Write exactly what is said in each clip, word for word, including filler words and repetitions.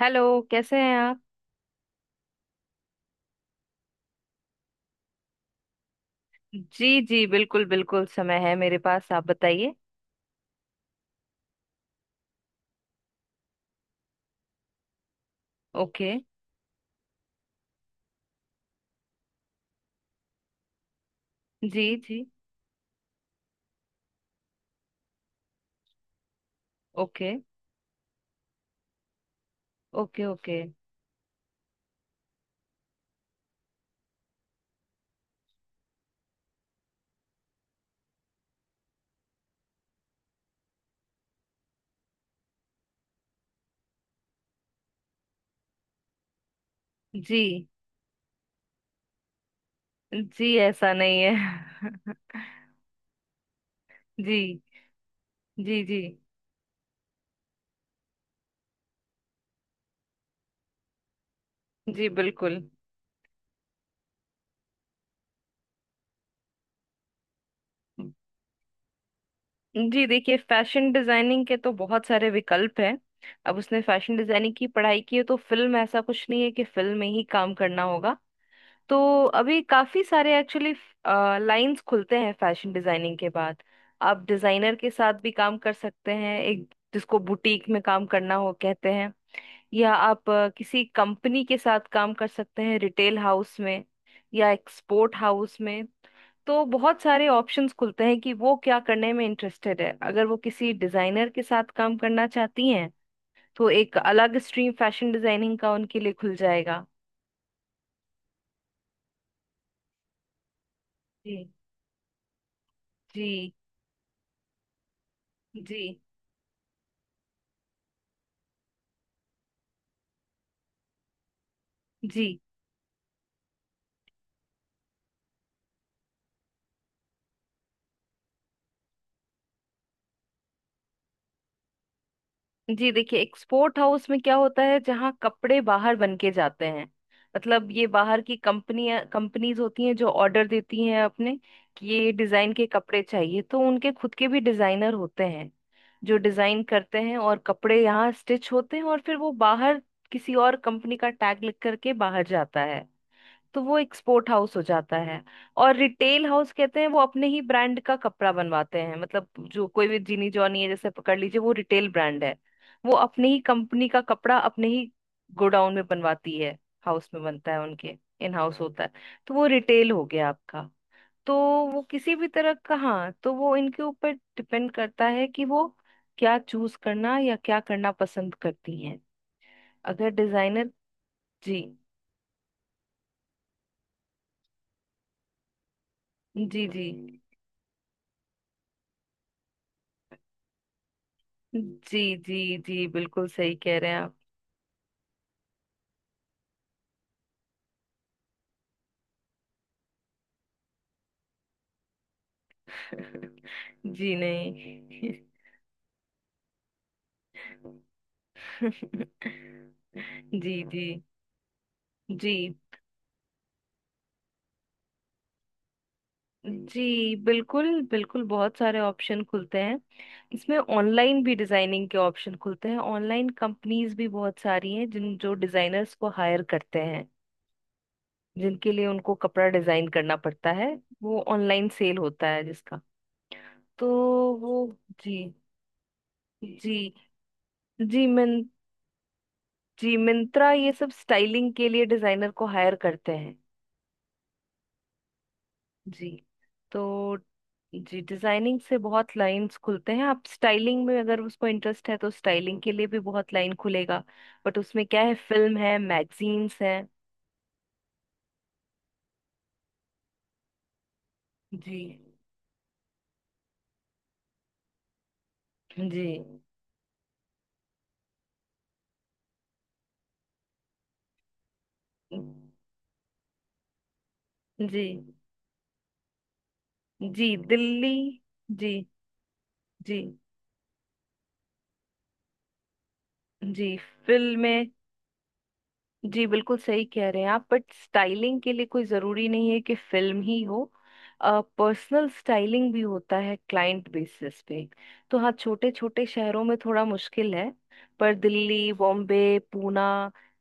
Hello कैसे हैं आप। जी जी बिल्कुल बिल्कुल समय है मेरे पास, आप बताइए। ओके। जी जी। Okay okay okay. जी जी ऐसा नहीं है। जी। जी जी जी बिल्कुल। जी देखिए, फैशन डिजाइनिंग के तो बहुत सारे विकल्प हैं। अब उसने फैशन डिजाइनिंग की पढ़ाई की है तो फिल्म ऐसा कुछ नहीं है कि फिल्म में ही काम करना होगा। तो अभी काफी सारे एक्चुअली लाइंस खुलते हैं फैशन डिजाइनिंग के बाद। आप डिजाइनर के साथ भी काम कर सकते हैं, एक जिसको बुटीक में काम करना हो कहते हैं। या आप अ, किसी कंपनी के साथ काम कर सकते हैं, रिटेल हाउस में या एक्सपोर्ट हाउस में। तो बहुत सारे ऑप्शंस खुलते हैं कि वो क्या करने में इंटरेस्टेड है। अगर वो किसी डिजाइनर के साथ काम करना चाहती हैं तो एक अलग स्ट्रीम फैशन डिजाइनिंग का उनके लिए खुल जाएगा। जी जी। जी। जी। जी देखिए, एक्सपोर्ट हाउस में क्या होता है, जहाँ कपड़े बाहर बन के जाते हैं। मतलब ये बाहर की कंपनियां कंपनीज होती हैं जो ऑर्डर देती हैं अपने कि ये डिजाइन के कपड़े चाहिए। तो उनके खुद के भी डिजाइनर होते हैं जो डिजाइन करते हैं, और कपड़े यहाँ स्टिच होते हैं और फिर वो बाहर किसी और कंपनी का टैग लिख करके बाहर जाता है। तो वो एक्सपोर्ट हाउस हो जाता है। और रिटेल हाउस कहते हैं वो अपने ही ब्रांड का कपड़ा बनवाते हैं। मतलब जो कोई भी जीनी जॉनी है जैसे पकड़ लीजिए, वो रिटेल ब्रांड है। वो अपने ही कंपनी का कपड़ा अपने ही गोडाउन में बनवाती है, हाउस में बनता है उनके, इन हाउस होता है। तो वो रिटेल हो गया आपका। तो वो किसी भी तरह का, हाँ, तो वो इनके ऊपर डिपेंड करता है कि वो क्या चूज करना या क्या करना पसंद करती हैं, अगर डिजाइनर। जी। जी जी जी। जी जी बिल्कुल सही कह रहे हैं आप। जी नहीं। जी जी। जी। जी बिल्कुल बिल्कुल, बहुत सारे ऑप्शन खुलते हैं इसमें। ऑनलाइन भी डिजाइनिंग के ऑप्शन खुलते हैं। ऑनलाइन कंपनीज भी बहुत सारी हैं जिन जो डिजाइनर्स को हायर करते हैं, जिनके लिए उनको कपड़ा डिजाइन करना पड़ता है। वो ऑनलाइन सेल होता है जिसका। तो वो, जी। जी। जी मैं, जी मिंत्रा ये सब स्टाइलिंग के लिए डिजाइनर को हायर करते हैं। जी। तो जी, डिजाइनिंग से बहुत लाइंस खुलते हैं। आप स्टाइलिंग में, अगर उसको इंटरेस्ट है तो स्टाइलिंग के लिए भी बहुत लाइन खुलेगा। बट उसमें क्या है, फिल्म है, मैगजीन्स है। जी। जी जी। जी दिल्ली। जी जी। जी फिल्में। जी बिल्कुल सही कह रहे हैं आप, बट स्टाइलिंग के लिए कोई ज़रूरी नहीं है कि फिल्म ही हो। पर्सनल स्टाइलिंग भी होता है क्लाइंट बेसिस पे। तो हाँ, छोटे छोटे शहरों में थोड़ा मुश्किल है, पर दिल्ली, बॉम्बे, पूना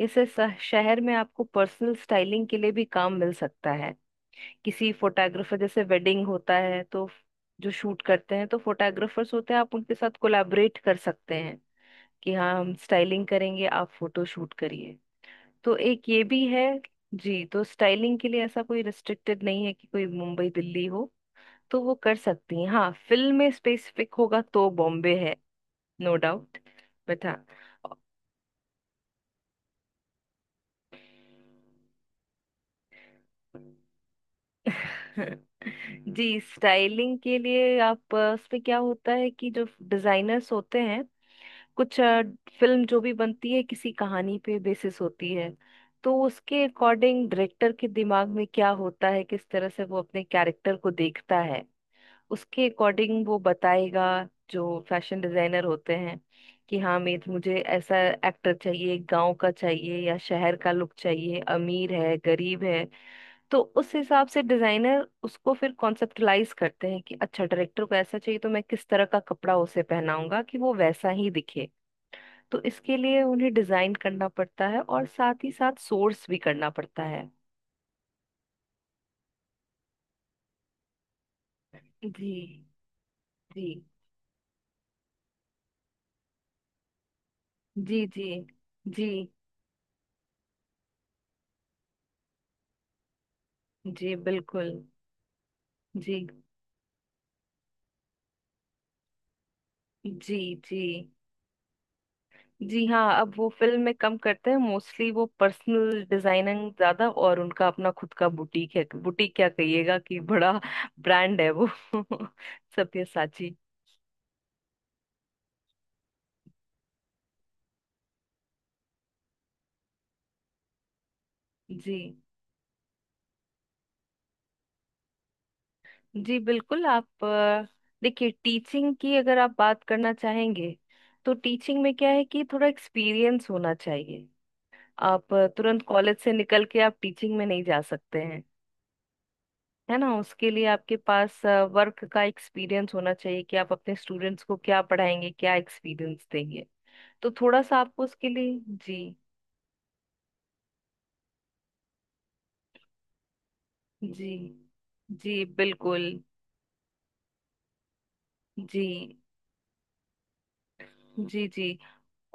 ऐसे श- शहर में आपको पर्सनल स्टाइलिंग के लिए भी काम मिल सकता है। किसी फोटोग्राफर, जैसे वेडिंग होता है तो जो शूट करते हैं तो फोटोग्राफर्स होते हैं, आप उनके साथ कोलैबोरेट कर सकते हैं कि हाँ, हम स्टाइलिंग करेंगे, आप फोटो शूट करिए। तो एक ये भी है। जी तो स्टाइलिंग के लिए ऐसा कोई रिस्ट्रिक्टेड नहीं है कि कोई मुंबई दिल्ली हो, तो वो कर सकती हैं। हाँ, फिल्म में स्पेसिफिक होगा तो बॉम्बे है, नो डाउट। बट हाँ। जी, स्टाइलिंग के लिए आप अ, उसमें क्या होता है कि जो डिजाइनर्स होते हैं, कुछ फिल्म जो भी बनती है किसी कहानी पे बेसिस होती है। तो उसके अकॉर्डिंग डायरेक्टर के दिमाग में क्या होता है, किस तरह से वो अपने कैरेक्टर को देखता है, उसके अकॉर्डिंग वो बताएगा जो फैशन डिजाइनर होते हैं, कि हाँ मेरे मुझे ऐसा एक्टर चाहिए, गांव का चाहिए या शहर का लुक चाहिए, अमीर है, गरीब है। तो उस हिसाब से डिजाइनर उसको फिर कॉन्सेप्टलाइज करते हैं कि अच्छा, डायरेक्टर को ऐसा चाहिए तो मैं किस तरह का कपड़ा उसे पहनाऊंगा कि वो वैसा ही दिखे। तो इसके लिए उन्हें डिजाइन करना पड़ता है और साथ ही साथ सोर्स भी करना पड़ता है। जी जी। जी जी। जी जी बिल्कुल। जी जी। जी। जी हाँ अब वो फिल्म में कम करते हैं, मोस्टली वो पर्सनल डिजाइनिंग ज्यादा, और उनका अपना खुद का बुटीक है। बुटीक क्या कहिएगा, कि बड़ा ब्रांड है वो, सब्यसाची। जी जी बिल्कुल। आप अ, देखिए, टीचिंग की अगर आप बात करना चाहेंगे, तो टीचिंग में क्या है कि थोड़ा एक्सपीरियंस होना चाहिए। आप अ, तुरंत कॉलेज से निकल के आप टीचिंग में नहीं जा सकते हैं, है ना। उसके लिए आपके पास वर्क का एक्सपीरियंस होना चाहिए कि आप अपने स्टूडेंट्स को क्या पढ़ाएंगे, क्या एक्सपीरियंस देंगे। तो थोड़ा सा आपको उसके लिए। जी। जी जी बिल्कुल। जी। जी जी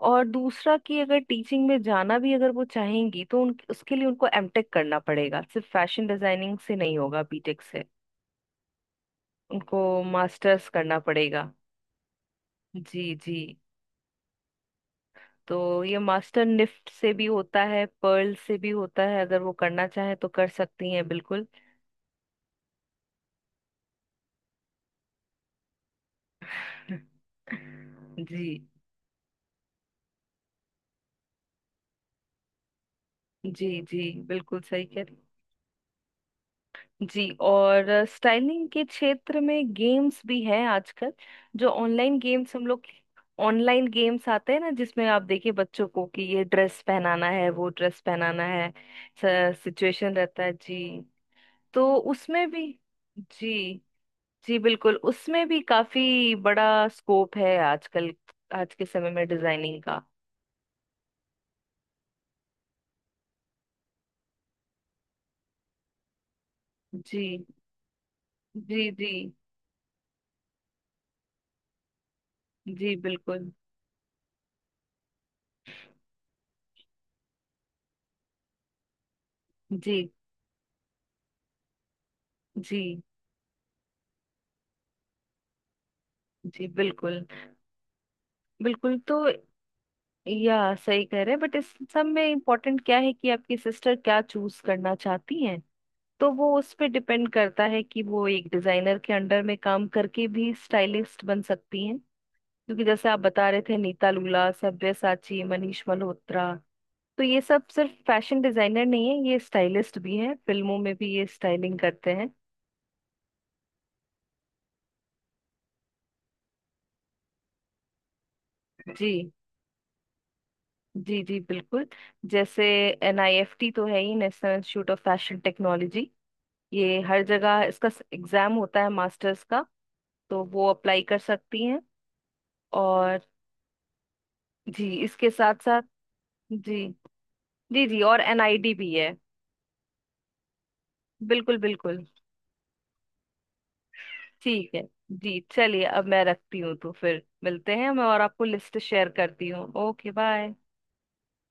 और दूसरा कि अगर टीचिंग में जाना भी अगर वो चाहेंगी, तो उन उसके लिए उनको एम टेक करना पड़ेगा, सिर्फ फैशन डिजाइनिंग से नहीं होगा, बी टेक से। उनको मास्टर्स करना पड़ेगा। जी जी। तो ये मास्टर निफ्ट से भी होता है, पर्ल से भी होता है, अगर वो करना चाहे तो कर सकती हैं बिल्कुल। जी। जी जी बिल्कुल सही कह रही। जी। और स्टाइलिंग के क्षेत्र में गेम्स भी हैं आजकल, जो ऑनलाइन गेम्स हम लोग। ऑनलाइन गेम्स आते हैं ना, जिसमें आप देखिए बच्चों को कि ये ड्रेस पहनाना है, वो ड्रेस पहनाना है, सिचुएशन रहता है जी। तो उसमें भी। जी। जी बिल्कुल, उसमें भी काफी बड़ा स्कोप है आजकल, आज के समय में डिजाइनिंग का। जी। जी जी। जी बिल्कुल। जी जी। जी बिल्कुल बिल्कुल तो, या सही कह रहे हैं, बट इस सब में इम्पोर्टेंट क्या है कि आपकी सिस्टर क्या चूज करना चाहती हैं। तो वो उस पे डिपेंड करता है कि वो एक डिजाइनर के अंडर में काम करके भी स्टाइलिस्ट बन सकती हैं। क्योंकि जैसे आप बता रहे थे, नीता लुला, सब्यसाची, मनीष मल्होत्रा, तो ये सब सिर्फ फैशन डिजाइनर नहीं है, ये स्टाइलिस्ट भी हैं, फिल्मों में भी ये स्टाइलिंग करते हैं। जी। जी जी बिल्कुल। जैसे एन आई एफ टी तो है ही, national institute of fashion technology. ये हर जगह इसका एग्जाम होता है मास्टर्स का, तो वो अप्लाई कर सकती हैं। और जी इसके साथ साथ। जी। जी जी और एन आई डी भी है। बिल्कुल बिल्कुल। ठीक है जी, चलिए अब मैं रखती हूँ, तो फिर मिलते हैं, मैं और आपको लिस्ट शेयर करती हूँ। Okay bye.